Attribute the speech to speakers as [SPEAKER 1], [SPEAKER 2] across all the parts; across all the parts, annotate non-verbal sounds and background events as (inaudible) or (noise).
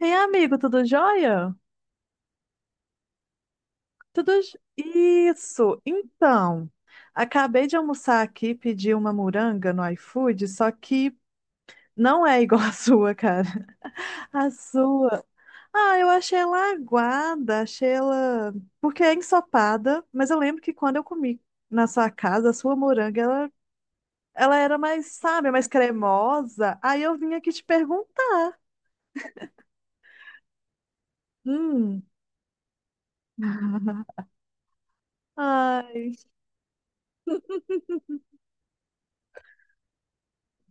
[SPEAKER 1] Ei, amigo, tudo jóia? Tudo j- isso. Então, acabei de almoçar aqui, pedi uma moranga no iFood, só que não é igual a (laughs) sua, cara. A sua. Ah, eu achei ela aguada, achei ela porque é ensopada, mas eu lembro que quando eu comi na sua casa, a sua moranga, ela era mais, sabe, mais cremosa. Aí eu vim aqui te perguntar. Hum. (laughs) Ai.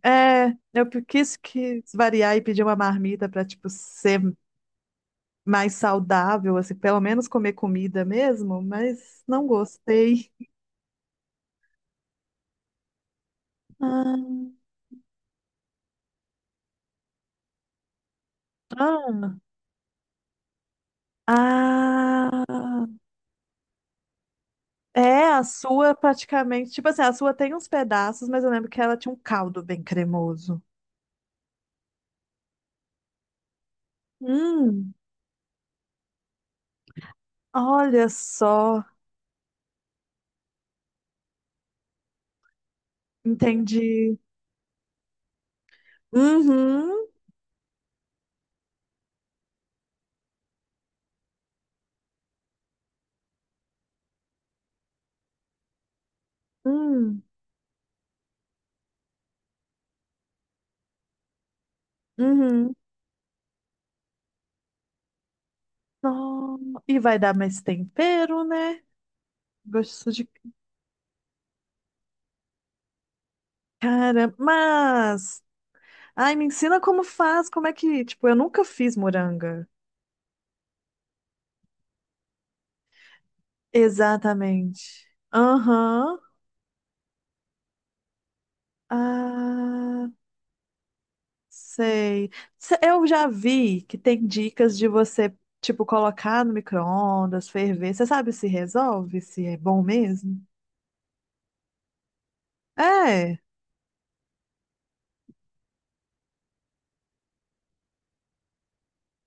[SPEAKER 1] É, eu pe- quis que variar e pedir uma marmita para tipo ser mais saudável, assim, pelo menos comer comida mesmo, mas não gostei. Ah, ah, ah. é a sua praticamente, tipo assim, a sua tem uns pedaços, mas eu lembro que ela tinha um caldo bem cremoso. Hum, olha só, entendi. Uhum, hum, uhum. Nó- E vai dar mais tempero, né? Gosto de Cara, mas. Ai, me ensina como faz, como é que. Tipo, eu nunca fiz moranga. Exatamente. Aham. Ah, sei. Se- Eu já vi que tem dicas de você, tipo, colocar no micro-ondas, ferver. Você sabe se resolve, se é bom mesmo? É.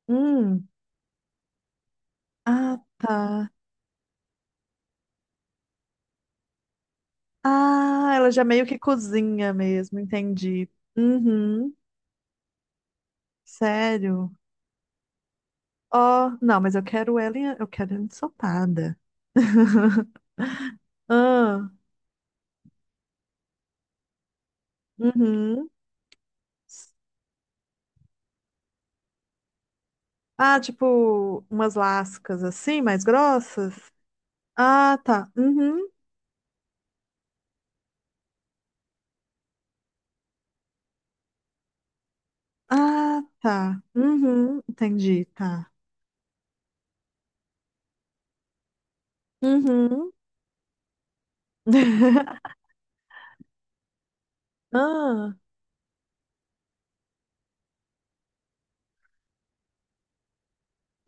[SPEAKER 1] Hum. Ah, tá. Ah, ela já meio que cozinha mesmo, entendi. Uhum. Sério. Ó, não, mas eu quero ela, em- eu quero ela ensopada. (laughs) Ah, uhum. Ah, tipo, umas lascas assim, mais grossas? Ah, tá. Uhum. Ah, tá. Uhum. Entendi, tá. Uhum. (laughs) Ah,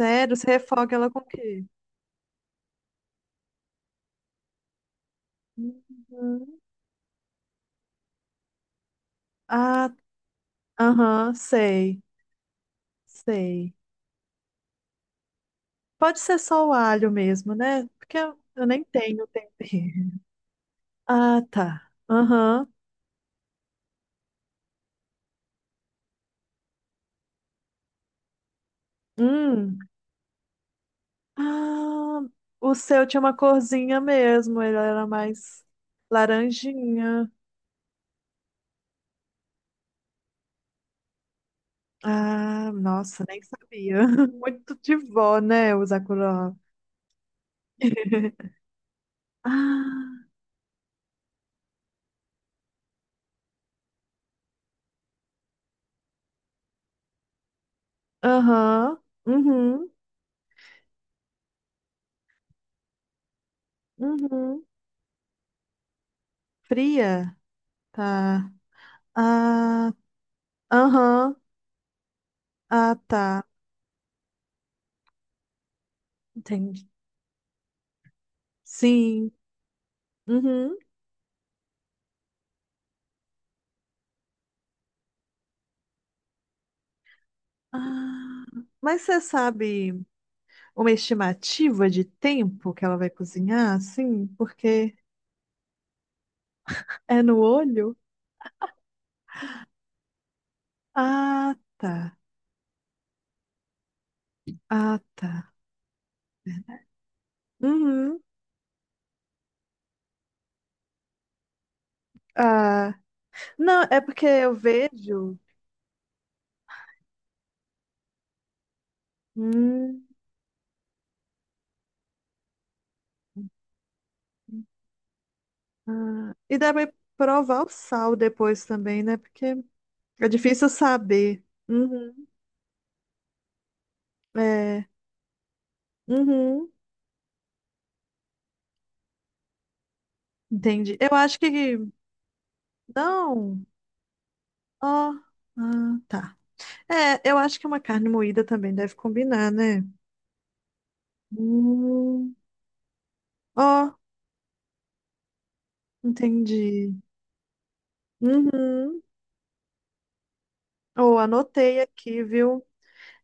[SPEAKER 1] sério, você refoga ela com o quê? Uhum. Ah, aham, sei, sei. Pode ser só o alho mesmo, né? Porque eu nem tenho tempero. (laughs) Ah, tá. Aham. Hum. Ah, o seu tinha uma corzinha mesmo, ele era mais laranjinha. Ah, nossa, nem sabia. (laughs) Muito de vó, né, o Sakura. (laughs) Ah, aham, uhum, uhum. Fria, tá. Ah, aham, ah, tá. Entendi. Sim, uhum. Ah, mas você sabe uma estimativa de tempo que ela vai cozinhar, assim? Porque é no olho? Ah, tá. Ah, tá. Uhum. Ah. Não, é porque eu vejo. Hum, ah. E deve provar o sal depois também, né? Porque é difícil saber. Uhum. É. Uhum. Entendi. Eu acho que. Não. Ó. Ah, tá. É, eu acho que uma carne moída também deve combinar, né? Hum. Ó, entendi. Uhum. Ou anotei aqui, viu?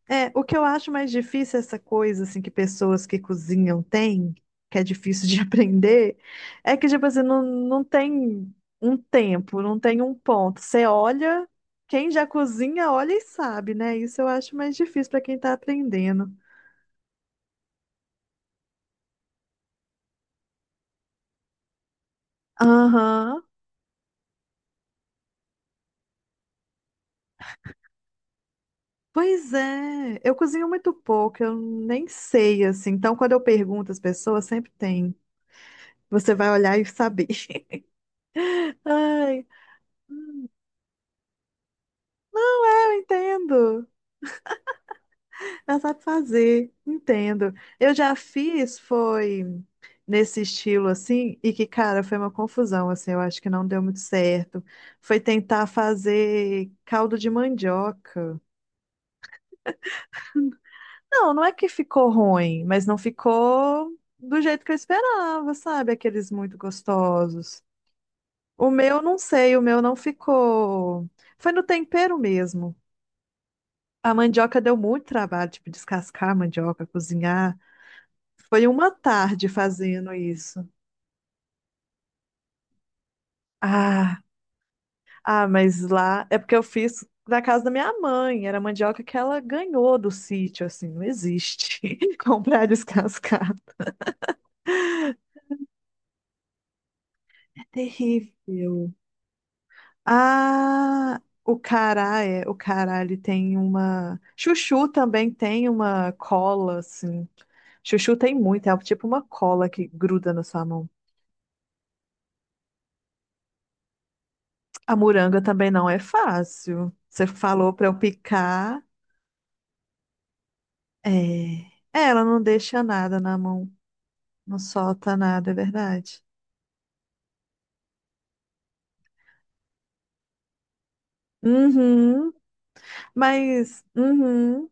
[SPEAKER 1] É, o que eu acho mais difícil é essa coisa assim que pessoas que cozinham têm, que é difícil de (laughs) aprender, é que tipo assim, não tem um tempo, não tem um ponto. Você olha, quem já cozinha olha e sabe, né? Isso eu acho mais difícil para quem tá aprendendo. Aham. Pois é, eu cozinho muito pouco, eu nem sei assim. Então quando eu pergunto às pessoas, sempre tem. Você vai olhar e saber. (laughs) Ai, eu entendo. Ela sabe fazer, entendo. Eu já fiz, foi nesse estilo assim, e que, cara, foi uma confusão, assim, eu acho que não deu muito certo. Foi tentar fazer caldo de mandioca. Não, não é que ficou ruim, mas não ficou do jeito que eu esperava, sabe? Aqueles muito gostosos. O meu, não sei, o meu não ficou. Foi no tempero mesmo. A mandioca deu muito trabalho, tipo, descascar a mandioca, cozinhar. Foi uma tarde fazendo isso. Ah, ah, mas lá é porque eu fiz da casa da minha mãe. Era mandioca que ela ganhou do sítio, assim, não existe (laughs) comprar descascado. É terrível. Ah, o cará é, o cará ele tem uma, chuchu também tem uma cola assim. Chuchu tem muito, é tipo uma cola que gruda na sua mão. A moranga também não é fácil. Você falou pra eu picar, é, é, ela não deixa nada na mão. Não solta nada, é verdade. Uhum, mas, uhum,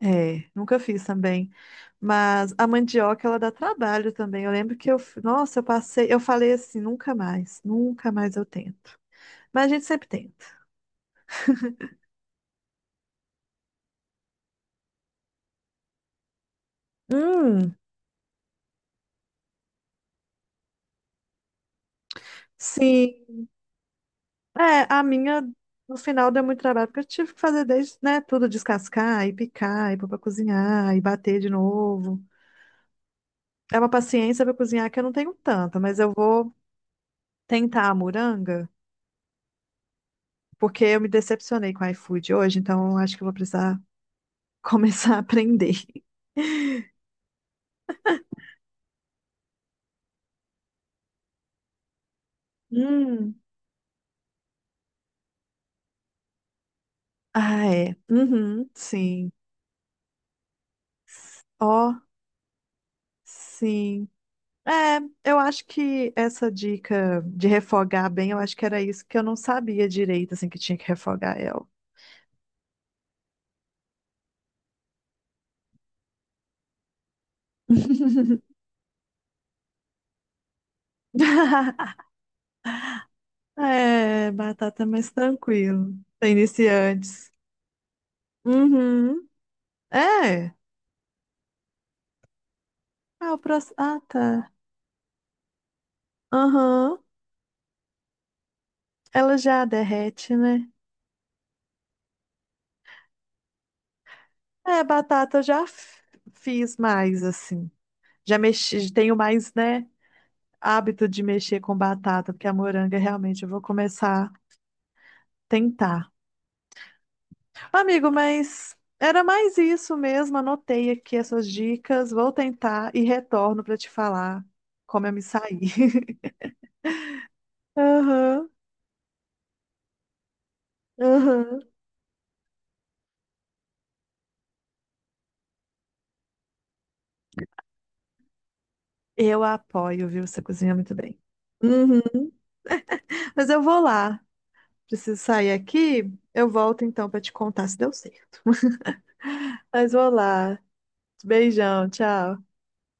[SPEAKER 1] é, nunca fiz também. Mas a mandioca, ela dá trabalho também. Eu lembro que eu, f- nossa, eu passei, eu falei assim, nunca mais, nunca mais eu tento. Mas a gente sempre tenta. Hum, sim. É, a minha, no final, deu muito trabalho, porque eu tive que fazer desde, né, tudo, descascar e picar, e pôr pra cozinhar, e bater de novo. É uma paciência pra cozinhar que eu não tenho tanta, mas eu vou tentar a moranga. Porque eu me decepcionei com o iFood hoje, então eu acho que eu vou precisar (laughs) começar a aprender. Hum, Ah, é. Uhum, sim. Ó, sim. É, eu acho que essa dica de refogar bem, eu acho que era isso que eu não sabia direito, assim, que tinha que refogar ela. (laughs) É, batata mais tranquilo. Pra iniciantes. Uhum. É. Ah, o próximo. Ah, tá. Aham. Ela já derrete, né? É, batata eu já f- fiz mais assim. Já mexi, tenho mais, né, hábito de mexer com batata, porque a moranga realmente eu vou começar a tentar. Amigo, mas era mais isso mesmo. Anotei aqui essas dicas, vou tentar e retorno para te falar como eu me saí. (laughs) Aham, aham. Eu apoio, viu? Você cozinha muito bem. Uhum. Mas eu vou lá. Preciso sair aqui. Eu volto então para te contar se deu certo. (laughs) Mas vou lá. Beijão, tchau.